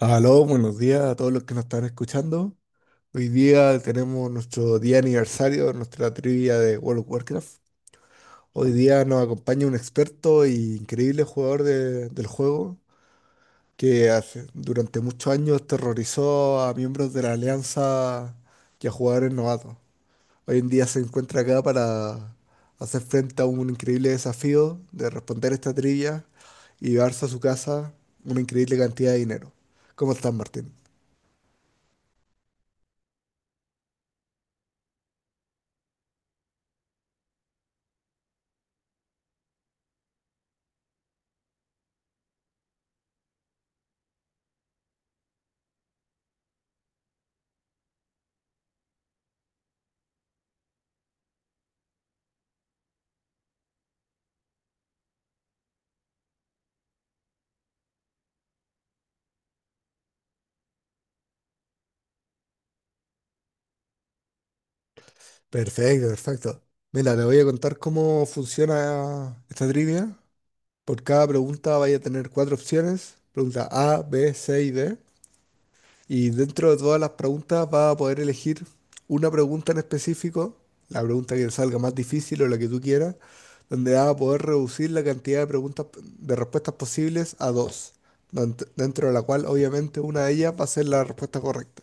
Aló, buenos días a todos los que nos están escuchando. Hoy día tenemos nuestro día aniversario, nuestra trivia de World of Warcraft. Hoy día nos acompaña un experto y increíble jugador del juego que durante muchos años terrorizó a miembros de la Alianza y a jugadores novatos. Hoy en día se encuentra acá para hacer frente a un increíble desafío de responder esta trivia y llevarse a su casa una increíble cantidad de dinero. ¿Cómo estás, Martín? Perfecto, perfecto. Mira, te voy a contar cómo funciona esta trivia. Por cada pregunta vaya a tener cuatro opciones. Pregunta A, B, C y D. Y dentro de todas las preguntas va a poder elegir una pregunta en específico, la pregunta que salga más difícil o la que tú quieras, donde va a poder reducir la cantidad de preguntas, de respuestas posibles a dos, dentro de la cual obviamente una de ellas va a ser la respuesta correcta.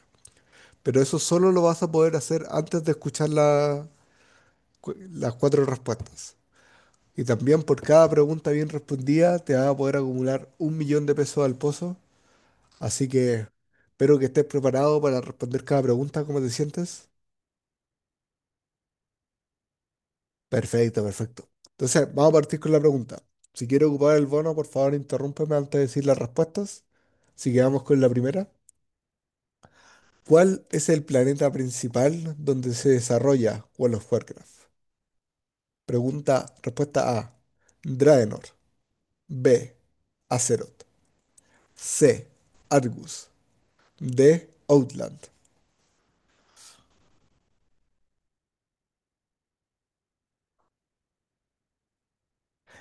Pero eso solo lo vas a poder hacer antes de escuchar las cuatro respuestas. Y también por cada pregunta bien respondida te vas a poder acumular un millón de pesos al pozo. Así que espero que estés preparado para responder cada pregunta. ¿Cómo te sientes? Perfecto, perfecto. Entonces, vamos a partir con la pregunta. Si quiero ocupar el bono, por favor, interrúmpeme antes de decir las respuestas. Así que vamos con la primera. ¿Cuál es el planeta principal donde se desarrolla World of Warcraft? Pregunta, respuesta A, Draenor. B, Azeroth. C, Argus. D, Outland.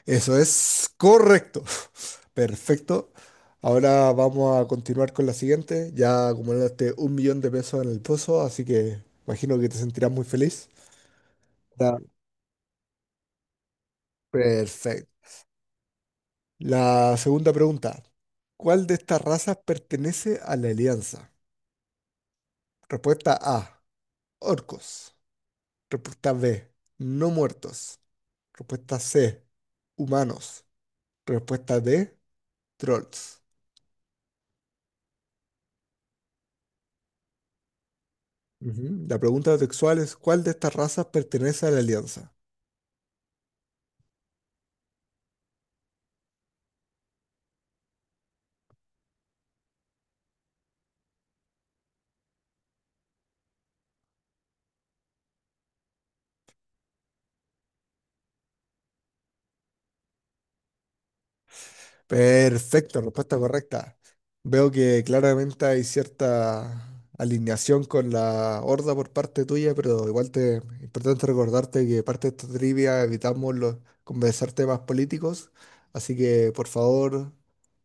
Eso es correcto. Perfecto. Ahora vamos a continuar con la siguiente. Ya acumulaste un millón de pesos en el pozo, así que imagino que te sentirás muy feliz. Ya. Perfecto. La segunda pregunta. ¿Cuál de estas razas pertenece a la Alianza? Respuesta A, orcos. Respuesta B, no muertos. Respuesta C, humanos. Respuesta D, trolls. Ujú. La pregunta textual es, ¿cuál de estas razas pertenece a la Alianza? Perfecto, respuesta correcta. Veo que claramente hay cierta alineación con la Horda por parte tuya, pero igual es importante recordarte que parte de esta trivia evitamos conversar temas políticos, así que por favor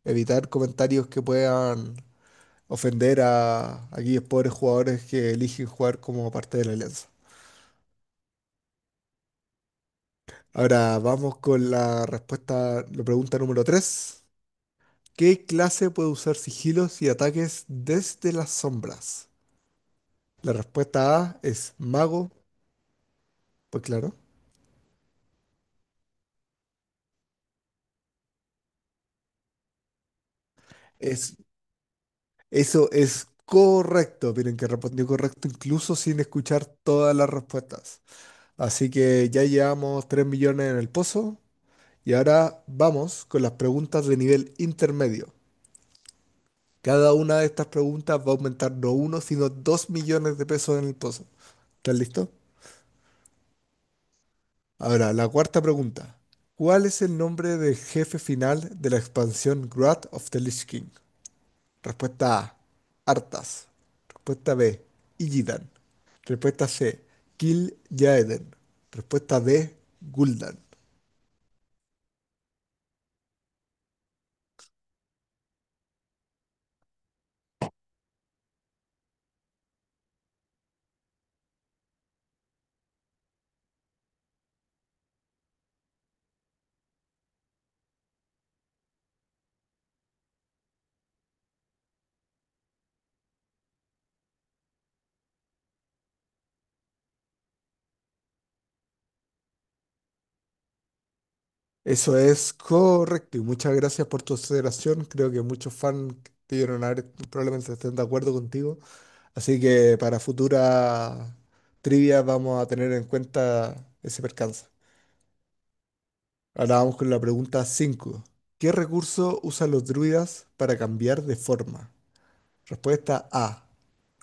evitar comentarios que puedan ofender a aquellos pobres jugadores que eligen jugar como parte de la Alianza. Ahora vamos con la pregunta número 3. ¿Qué clase puede usar sigilos y ataques desde las sombras? La respuesta A es mago. Pues claro. Es, eso es correcto. Miren que respondió correcto incluso sin escuchar todas las respuestas. Así que ya llevamos 3 millones en el pozo y ahora vamos con las preguntas de nivel intermedio. Cada una de estas preguntas va a aumentar no uno, sino 2 millones de pesos en el pozo. ¿Estás listo? Ahora, la cuarta pregunta. ¿Cuál es el nombre del jefe final de la expansión Wrath of the Lich King? Respuesta A, Arthas. Respuesta B, Illidan. Respuesta C, Kill Jaeden. Respuesta D, Gul'dan. Eso es correcto y muchas gracias por tu consideración. Creo que muchos fans de Iron probablemente estén de acuerdo contigo. Así que para futuras trivias vamos a tener en cuenta ese percance. Ahora vamos con la pregunta 5. ¿Qué recurso usan los druidas para cambiar de forma? Respuesta A,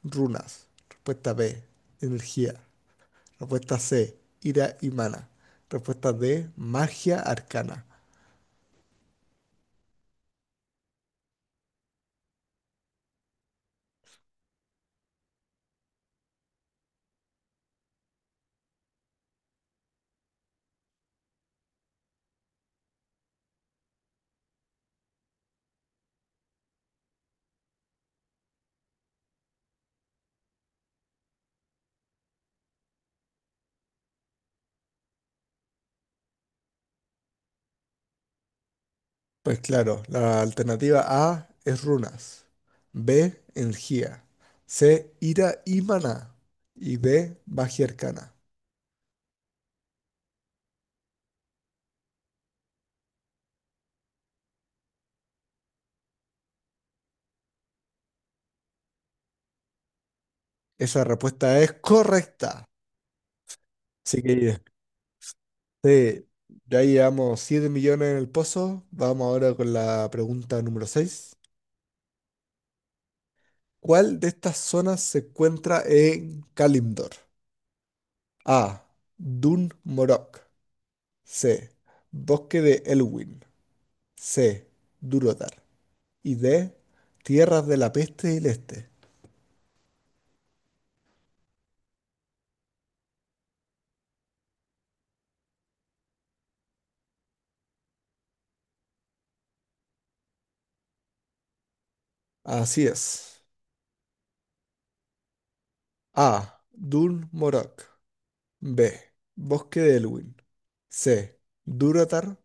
runas. Respuesta B, energía. Respuesta C, ira y mana. Respuesta D, magia arcana. Pues claro, la alternativa A es runas. B, energía. C, ira y mana. Y D, magia arcana. Esa respuesta es correcta. Así que sí, ya llevamos 7 millones en el pozo. Vamos ahora con la pregunta número seis. ¿Cuál de estas zonas se encuentra en Kalimdor? A, Dun Morok. C, Bosque de Elwyn. C, Durotar. Y D, Tierras de la Peste y el Este. Así es. A, Dun Morok. B, Bosque de Elwyn. C, Durotar.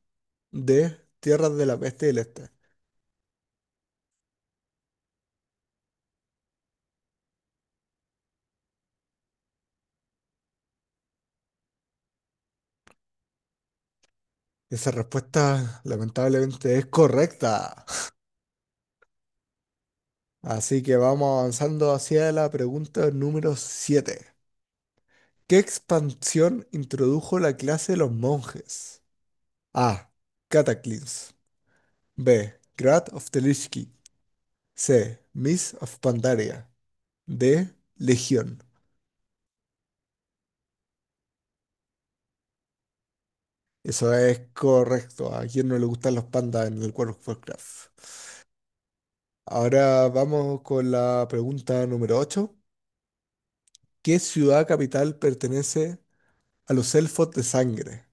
De Tierras de la Peste del Este. Esa respuesta lamentablemente es correcta. Así que vamos avanzando hacia la pregunta número 7. ¿Qué expansión introdujo la clase de los monjes? A, Cataclysm. B, Grad of Telishki. C, Miss of Pandaria. D, Legión. Eso es correcto. ¿A quién no le gustan los pandas en el World of Warcraft? Ahora vamos con la pregunta número 8. ¿Qué ciudad capital pertenece a los elfos de sangre?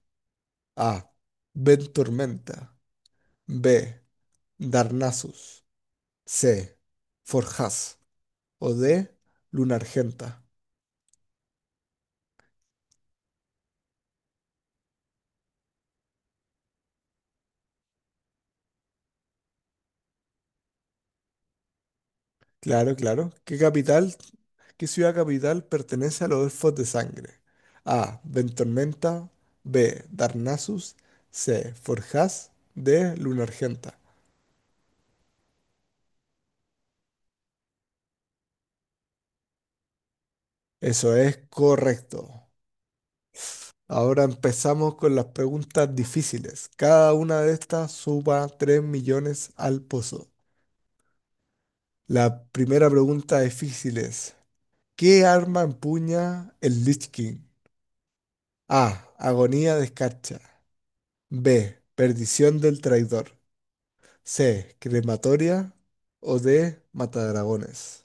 A, Ventormenta. B, Darnassus. C, Forjas. O D, Luna Argenta. Claro, claro. ¿Qué qué ciudad capital pertenece a los elfos de sangre? A, Ventormenta. B, Darnassus. C, Forjas. D, Luna Argenta. Eso es correcto. Ahora empezamos con las preguntas difíciles. Cada una de estas suba 3 millones al pozo. La primera pregunta difícil es, ¿qué arma empuña el Lich King? A, Agonía de escarcha. B, Perdición del traidor. C, Crematoria. O D, Matadragones.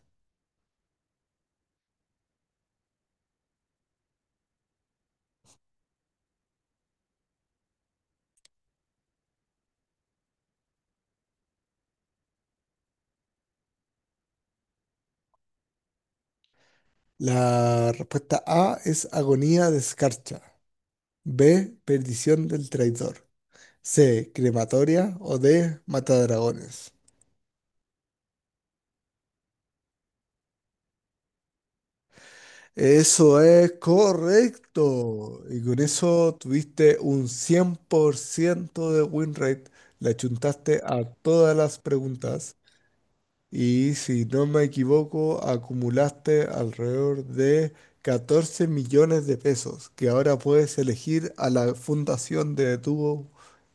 La respuesta A es agonía de escarcha. B, Perdición del traidor. C, Crematoria. O D, Matadragones. Eso es correcto. Y con eso tuviste un 100% de win rate. Le achuntaste a todas las preguntas. Y si no me equivoco, acumulaste alrededor de 14 millones de pesos que ahora puedes elegir a la fundación de tu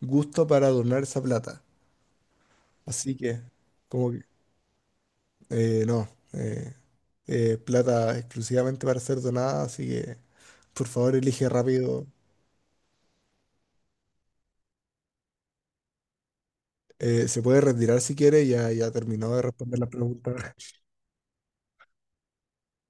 gusto para donar esa plata. Así que, como no, plata exclusivamente para ser donada, así que por favor elige rápido. Se puede retirar si quiere, ya terminó de responder la pregunta.